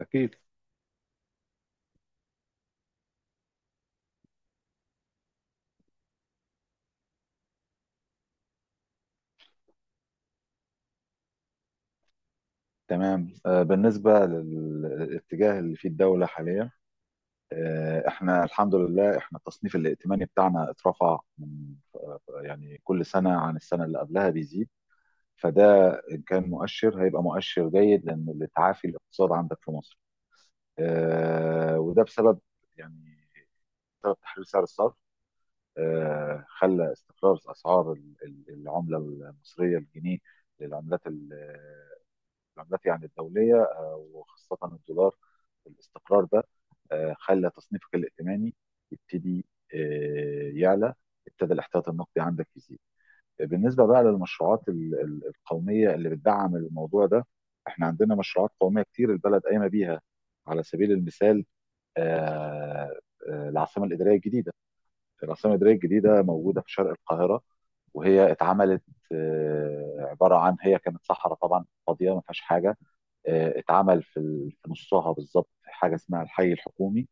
أكيد. تمام. بالنسبة للاتجاه اللي فيه الدولة حاليا، احنا الحمد لله، احنا التصنيف الائتماني بتاعنا اترفع من، كل سنة عن السنة اللي قبلها بيزيد. فده إن كان مؤشر هيبقى مؤشر جيد، لأن تعافي الاقتصاد عندك في مصر وده بسبب، يعني بسبب تحرير سعر الصرف. خلى استقرار أسعار العملة المصرية الجنيه للعملات العملات الدولية وخاصة الدولار. الاستقرار ده خلى تصنيفك الائتماني يبتدي يعلى، ابتدى الاحتياط النقدي عندك يزيد. بالنسبة بقى للمشروعات القومية اللي بتدعم الموضوع ده، احنا عندنا مشروعات قومية كتير البلد قايمة بيها. على سبيل المثال، آه، العاصمة الإدارية الجديدة. العاصمة الإدارية الجديدة موجودة في شرق القاهرة، وهي اتعملت عبارة عن، هي كانت صحراء طبعا فاضية ما فيهاش حاجة. اتعمل في في نصها بالظبط حاجه اسمها الحي الحكومي،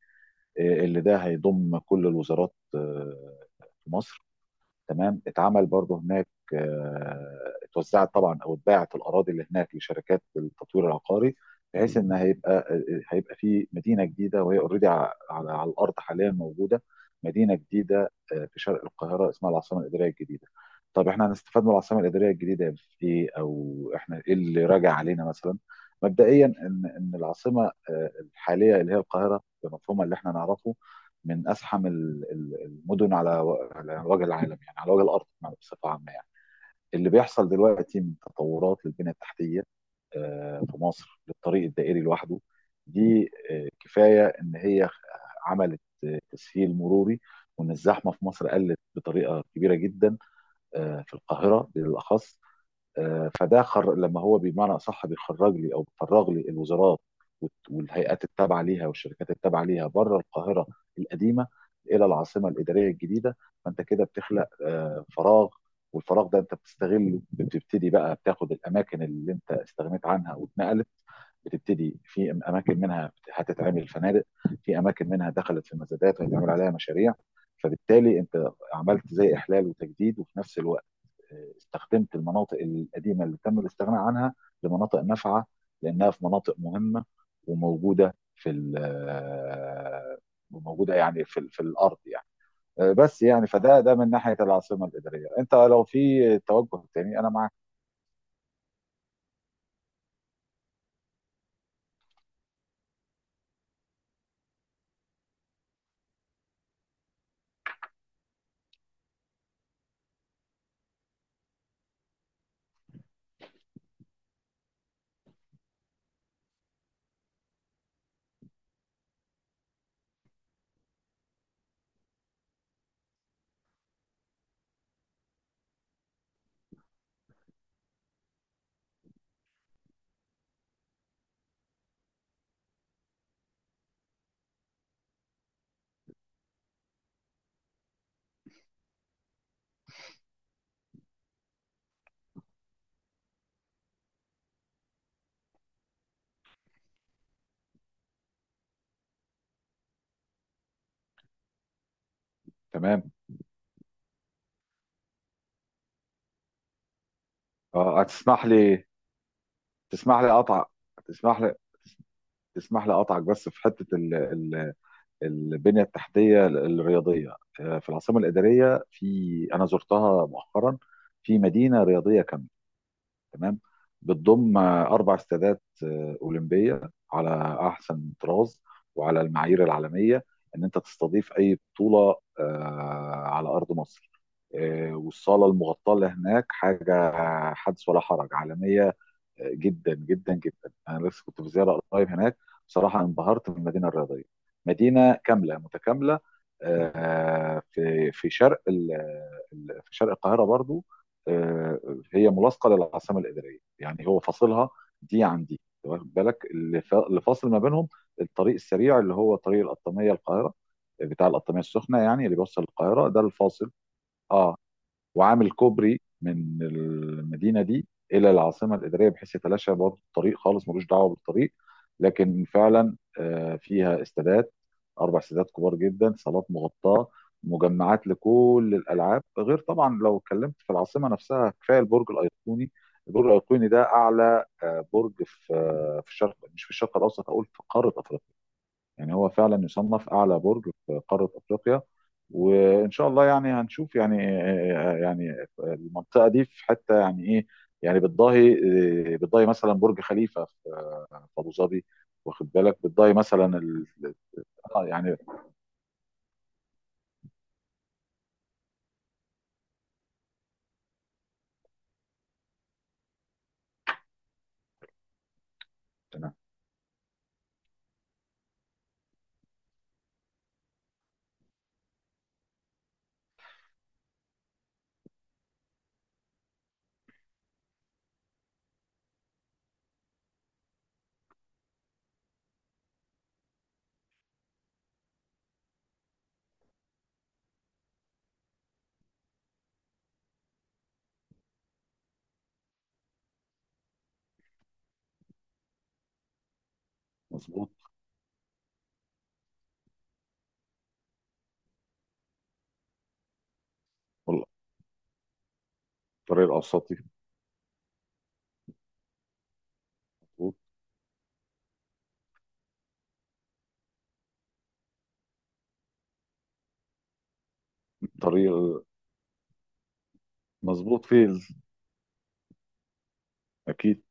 اللي ده هيضم كل الوزارات في مصر. تمام. اتعمل برضه هناك، اتوزعت طبعا او اتباعت الاراضي اللي هناك لشركات التطوير العقاري، بحيث ان هيبقى هيبقى في مدينه جديده، وهي اوريدي على الارض حاليا موجوده مدينه جديده في شرق القاهره اسمها العاصمه الاداريه الجديده. طب احنا هنستفاد من العاصمه الاداريه الجديده في ايه، او احنا ايه اللي راجع علينا مثلا؟ مبدئيا ان العاصمه الحاليه اللي هي القاهره بمفهومها اللي احنا نعرفه من ازحم المدن على على وجه العالم، يعني على وجه الارض بصفه عامه يعني. اللي بيحصل دلوقتي من تطورات للبنيه التحتيه في مصر، للطريق الدائري لوحده، دي كفايه ان هي عملت تسهيل مروري، وان الزحمه في مصر قلت بطريقه كبيره جدا في القاهره بالاخص. فده لما هو بمعنى اصح بيخرج لي او بيفرغ لي الوزارات والهيئات التابعه ليها والشركات التابعه ليها بره القاهره القديمه الى العاصمه الاداريه الجديده. فانت كده بتخلق فراغ، والفراغ ده انت بتستغله، بتبتدي بقى بتاخد الاماكن اللي انت استغنيت عنها واتنقلت. بتبتدي في اماكن منها هتتعمل فنادق، في اماكن منها دخلت في مزادات وهيتعمل عليها مشاريع. فبالتالي انت عملت زي احلال وتجديد، وفي نفس الوقت استخدمت المناطق القديمه اللي تم الاستغناء عنها لمناطق نافعه، لانها في مناطق مهمه وموجوده في موجوده يعني في الارض يعني. بس يعني فده ده من ناحيه العاصمه الاداريه. انت لو في توجه تاني، انا معاك. تمام. آه، هتسمح لي تسمح لي اقطع تسمح لي تسمح لي اقطعك بس في حته البنيه التحتيه الرياضيه. في العاصمه الاداريه، انا زرتها مؤخرا، في مدينه رياضيه كامله. تمام. بتضم اربع استادات اولمبيه على احسن طراز وعلى المعايير العالميه، ان انت تستضيف اي بطوله على ارض مصر. والصاله المغطاه اللي هناك حاجه حدث ولا حرج، عالميه جدا جدا جدا. انا لسه كنت في زياره قريب هناك، بصراحه انبهرت بالمدينه الرياضيه. مدينه كامله متكامله في شرق في شرق القاهره برضو. آه، هي ملاصقه للعاصمه الاداريه، يعني هو فاصلها دي عن دي. واخد بالك؟ اللي اللي فاصل ما بينهم الطريق السريع، اللي هو طريق القطاميه القاهره بتاع القطاميه السخنه يعني، اللي بيوصل القاهره ده الفاصل. اه. وعامل كوبري من المدينه دي الى العاصمه الاداريه، بحيث يتلاشى برضه الطريق خالص ملوش دعوه بالطريق. لكن فعلا فيها استادات، اربع استادات كبار جدا، صالات مغطاه، مجمعات لكل الالعاب. غير طبعا لو اتكلمت في العاصمه نفسها، كفايه البرج الايقوني. البرج الايقوني ده اعلى برج في، في الشرق، مش في الشرق الاوسط، اقول في قاره افريقيا. يعني هو فعلا يصنف اعلى برج في قاره افريقيا. وان شاء الله يعني هنشوف، يعني المنطقه دي في حته يعني ايه، يعني بتضاهي، مثلا برج خليفه في ابو ظبي. واخد بالك؟ بتضاهي مثلا آه يعني. تمام. مظبوط. والله، الطريق الاوسطي. مظبوط. الطريق مظبوط. فيه اكيد.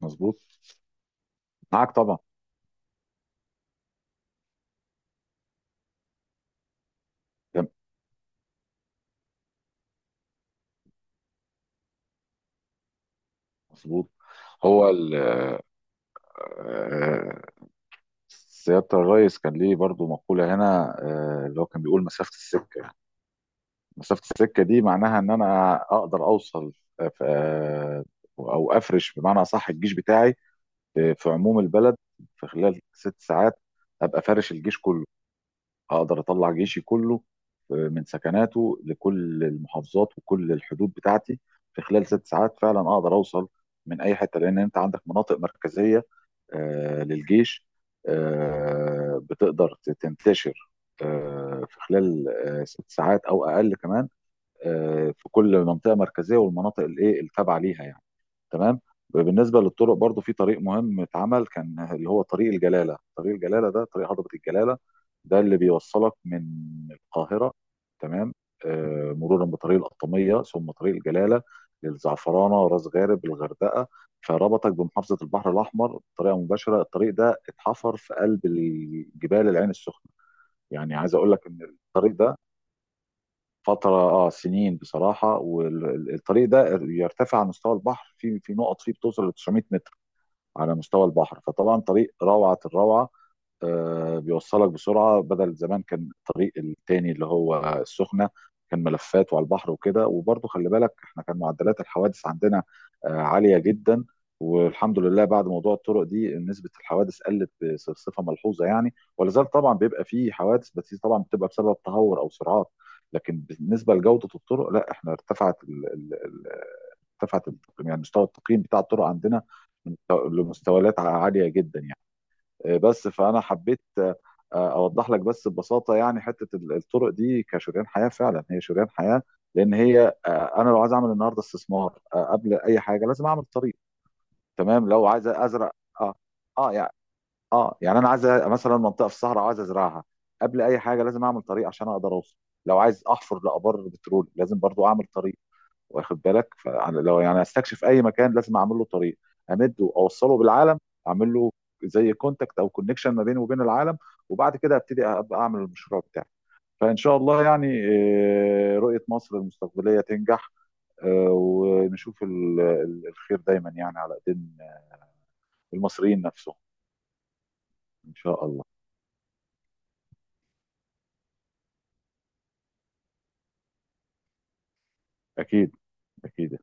مظبوط. معاك طبعا. تمام، مظبوط. هو آه، سيادة الريس كان ليه برضو مقولة هنا، اللي هو كان بيقول مسافة السكة. مسافة السكة دي معناها ان انا اقدر اوصل، آه، ف- آه، او افرش بمعنى صح الجيش بتاعي في عموم البلد في خلال ست ساعات. ابقى فارش الجيش كله، اقدر اطلع جيشي كله من سكناته لكل المحافظات وكل الحدود بتاعتي في خلال ست ساعات. فعلا اقدر اوصل من اي حته، لان انت عندك مناطق مركزيه للجيش بتقدر تنتشر في خلال ست ساعات او اقل كمان في كل منطقه مركزيه والمناطق الايه التابعه ليها يعني. تمام. بالنسبه للطرق برضو في طريق مهم اتعمل كان، اللي هو طريق الجلاله. طريق الجلاله ده طريق هضبه الجلاله، ده اللي بيوصلك من القاهره. تمام. مرورا بطريق القطاميه ثم طريق الجلاله للزعفرانه راس غارب الغردقه. فربطك بمحافظه البحر الاحمر بطريقه مباشره. الطريق ده اتحفر في قلب الجبال العين السخنه. يعني عايز اقول لك ان الطريق ده فترة اه سنين بصراحة. والطريق ده يرتفع عن مستوى البحر في نقط فيه بتوصل ل 900 متر على مستوى البحر. فطبعا طريق روعة الروعة بيوصلك بسرعه، بدل زمان كان الطريق التاني اللي هو السخنه كان ملفات وعلى البحر وكده. وبرضه خلي بالك احنا كان معدلات الحوادث عندنا عاليه جدا. والحمد لله، بعد موضوع الطرق دي نسبه الحوادث قلت بصفه ملحوظه. يعني ولا زال طبعا بيبقى فيه حوادث، بس دي طبعا بتبقى بسبب تهور او سرعات. لكن بالنسبه لجوده الطرق، لا، احنا ارتفعت ارتفعت التقييم، يعني مستوى التقييم بتاع الطرق عندنا من- لمستويات عاليه جدا يعني. بس فانا حبيت اوضح لك بس ببساطه، يعني حته الطرق دي كشريان حياه. فعلا هي شريان حياه، لان هي انا لو عايز اعمل النهارده استثمار قبل اي حاجه لازم اعمل طريق. تمام. لو عايز ازرع، اه، اه يعني، اه يعني انا عايز مثلا منطقه في الصحراء عايز ازرعها، قبل اي حاجه لازم اعمل طريق عشان اقدر اوصل. لو عايز احفر لابار بترول لازم برضو اعمل طريق. واخد بالك؟ فلو يعني هستكشف اي مكان لازم اعمل له طريق، امده اوصله بالعالم، اعمل له زي كونتاكت او كونكشن ما بينه وبين العالم، وبعد كده ابتدي ابقى اعمل المشروع بتاعي. فان شاء الله يعني رؤيه مصر المستقبليه تنجح ونشوف الخير دايما، يعني على ايدين المصريين نفسهم. ان شاء الله. اكيد، اكيد.